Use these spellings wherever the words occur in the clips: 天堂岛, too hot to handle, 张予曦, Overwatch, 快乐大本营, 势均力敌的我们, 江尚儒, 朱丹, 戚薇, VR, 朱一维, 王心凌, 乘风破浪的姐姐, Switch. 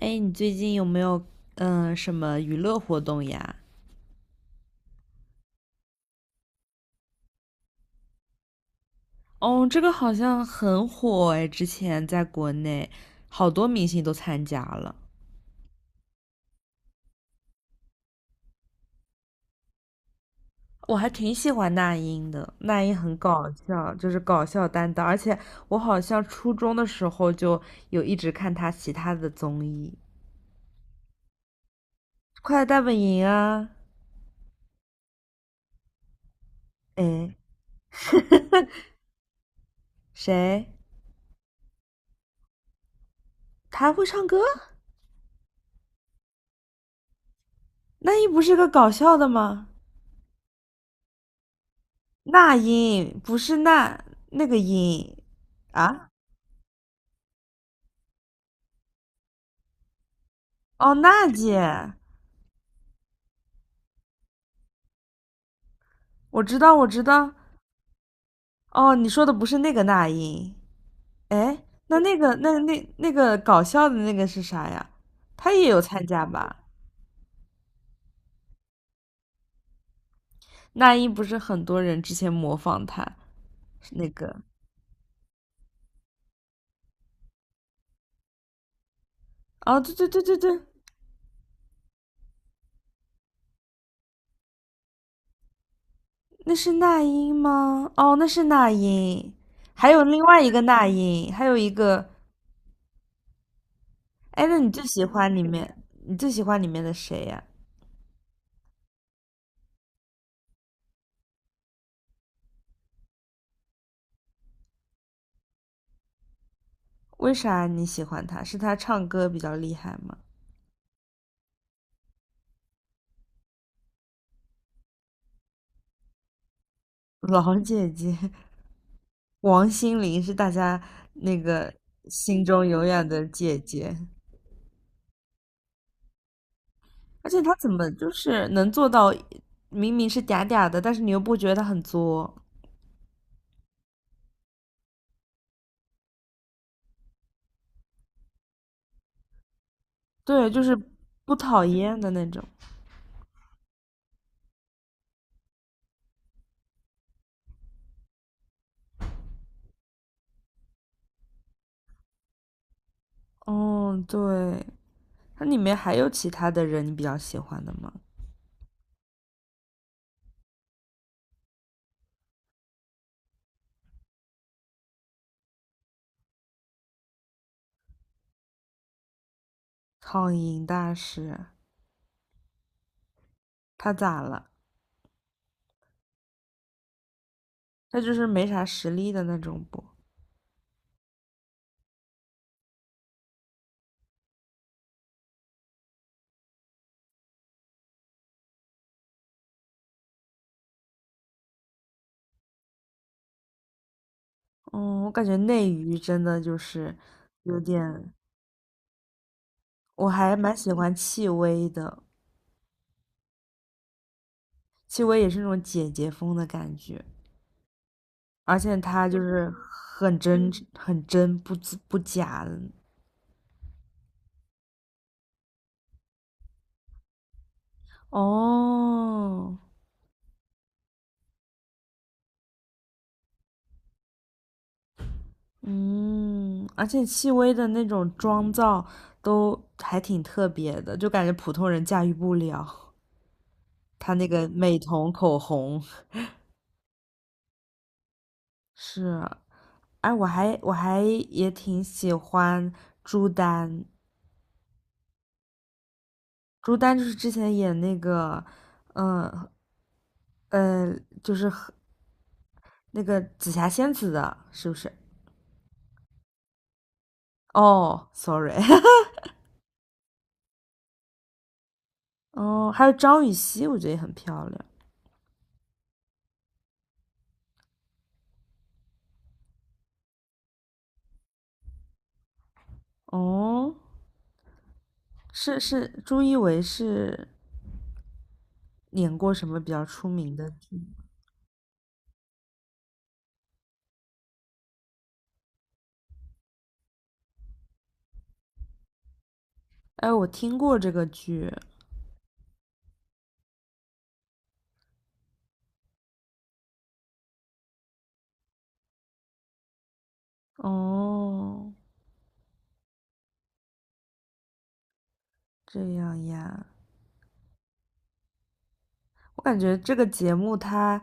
哎，你最近有没有什么娱乐活动呀？哦，这个好像很火哎，之前在国内好多明星都参加了，我还挺喜欢那英的，那英很搞笑，就是搞笑担当，而且我好像初中的时候就有一直看她其他的综艺，《快乐大本营》啊，哎，谁？她还会唱歌？那英不是个搞笑的吗？那英不是那那个英啊？哦，娜姐，我知道，我知道。哦，你说的不是那个那英，哎，那那个那个搞笑的那个是啥呀？他也有参加吧？那英不是很多人之前模仿他，是那个。哦，对对对对对，那是那英吗？哦，那是那英，还有另外一个那英，还有一个，哎，那你最喜欢里面，你最喜欢里面的谁呀？为啥你喜欢他？是他唱歌比较厉害吗？老姐姐，王心凌是大家那个心中永远的姐姐，而且她怎么就是能做到，明明是嗲嗲的，但是你又不觉得她很作，对，就是不讨厌的那种。哦，对，它里面还有其他的人你比较喜欢的吗？苍蝇大师，他咋了？他就是没啥实力的那种不？嗯，我感觉内娱真的就是有点，我还蛮喜欢戚薇的。戚薇也是那种姐姐风的感觉，而且她就是很真、不假的。哦，嗯，而且戚薇的那种妆造都还挺特别的，就感觉普通人驾驭不了。她那个美瞳、口红是，哎，我还也挺喜欢朱丹，朱丹就是之前演那个，嗯呃，就是和那个紫霞仙子的，是不是？哦，sorry，哦，还有张予曦，我觉得也很漂亮。哦，是是，朱一维是演过什么比较出名的剧？哎，我听过这个剧。哦，这样呀，我感觉这个节目它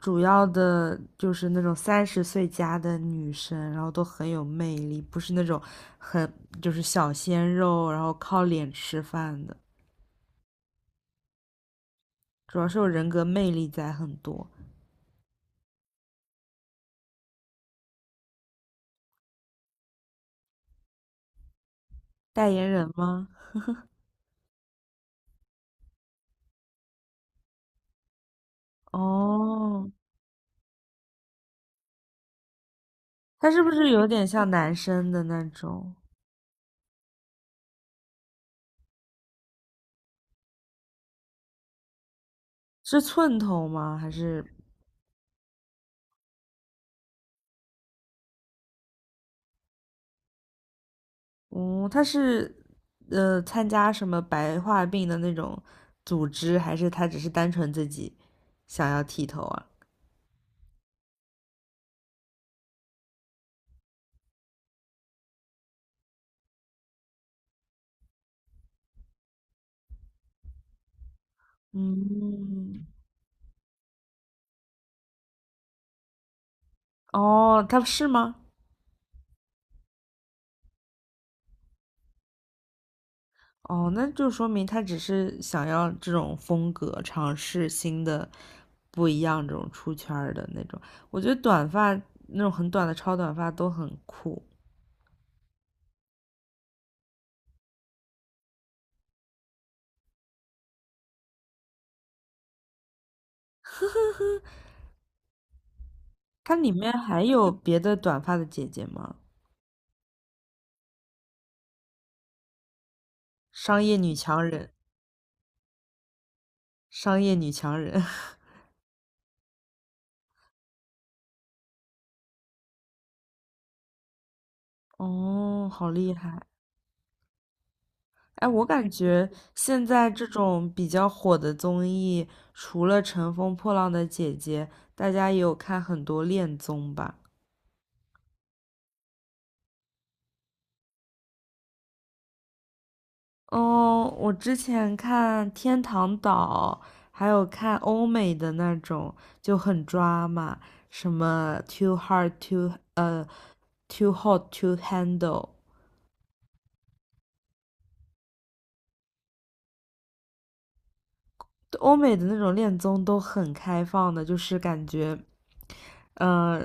主要的就是那种三十岁加的女生，然后都很有魅力，不是那种很就是小鲜肉，然后靠脸吃饭的。主要是有人格魅力在很多。代言人吗？哦，他是不是有点像男生的那种？是寸头吗？还是，嗯，他是参加什么白化病的那种组织，还是他只是单纯自己想要剃头啊？嗯，哦，他是吗？哦，那就说明他只是想要这种风格，尝试新的、不一样这种出圈儿的那种。我觉得短发那种很短的超短发都很酷。它里面还有别的短发的姐姐吗？商业女强人，商业女强人。哦，好厉害！哎，我感觉现在这种比较火的综艺，除了《乘风破浪的姐姐》，大家也有看很多恋综吧。嗯，我之前看《天堂岛》，还有看欧美的那种，就很抓马，什么 too hot to handle，对欧美的那种恋综都很开放的，就是感觉，呃，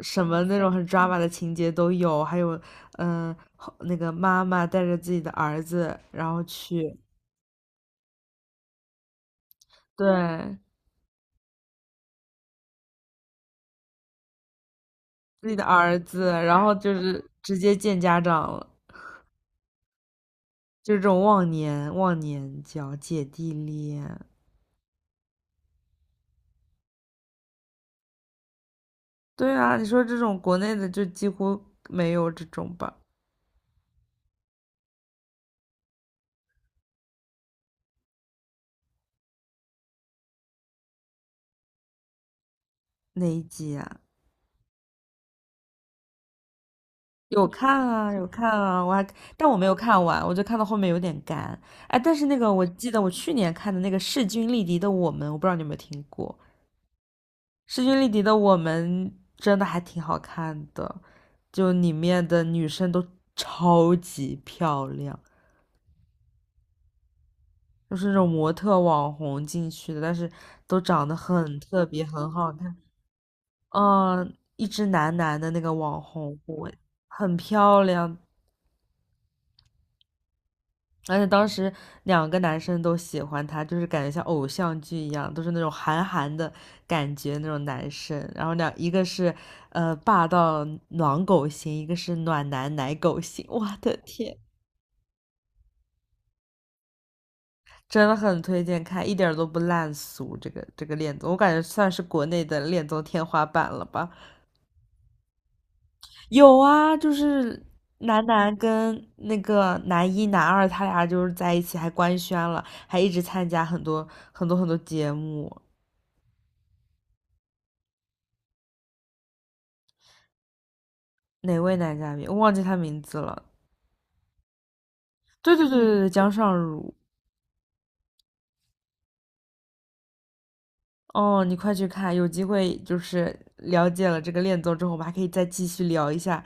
什么那种很抓马的情节都有，还有，那个妈妈带着自己的儿子，然后去对自己的儿子，然后就是直接见家长了。就是这种忘年交、姐弟恋，对啊，你说这种国内的就几乎没有这种吧？哪一集啊？有看啊，有看啊，但我没有看完，我就看到后面有点干。哎，但是那个我记得我去年看的那个势均力敌的我们，我不知道你有没有听过，势均力敌的我们真的还挺好看的，就里面的女生都超级漂亮。就是那种模特网红进去的，但是都长得很特别，很好看。嗯，一只男男的那个网红，我很漂亮，而且当时两个男生都喜欢她，就是感觉像偶像剧一样，都是那种韩寒的感觉那种男生。然后两一个是霸道暖狗型，一个是暖男奶狗型。我的天！真的很推荐看，一点儿都不烂俗。这个恋综，我感觉算是国内的恋综天花板了吧。有啊，就是男男跟那个男一、男二，他俩就是在一起，还官宣了，还一直参加很多节目。哪位男嘉宾？我忘记他名字了。对对对对对，江尚儒。哦，你快去看，有机会就是了解了这个恋综之后，我们还可以再继续聊一下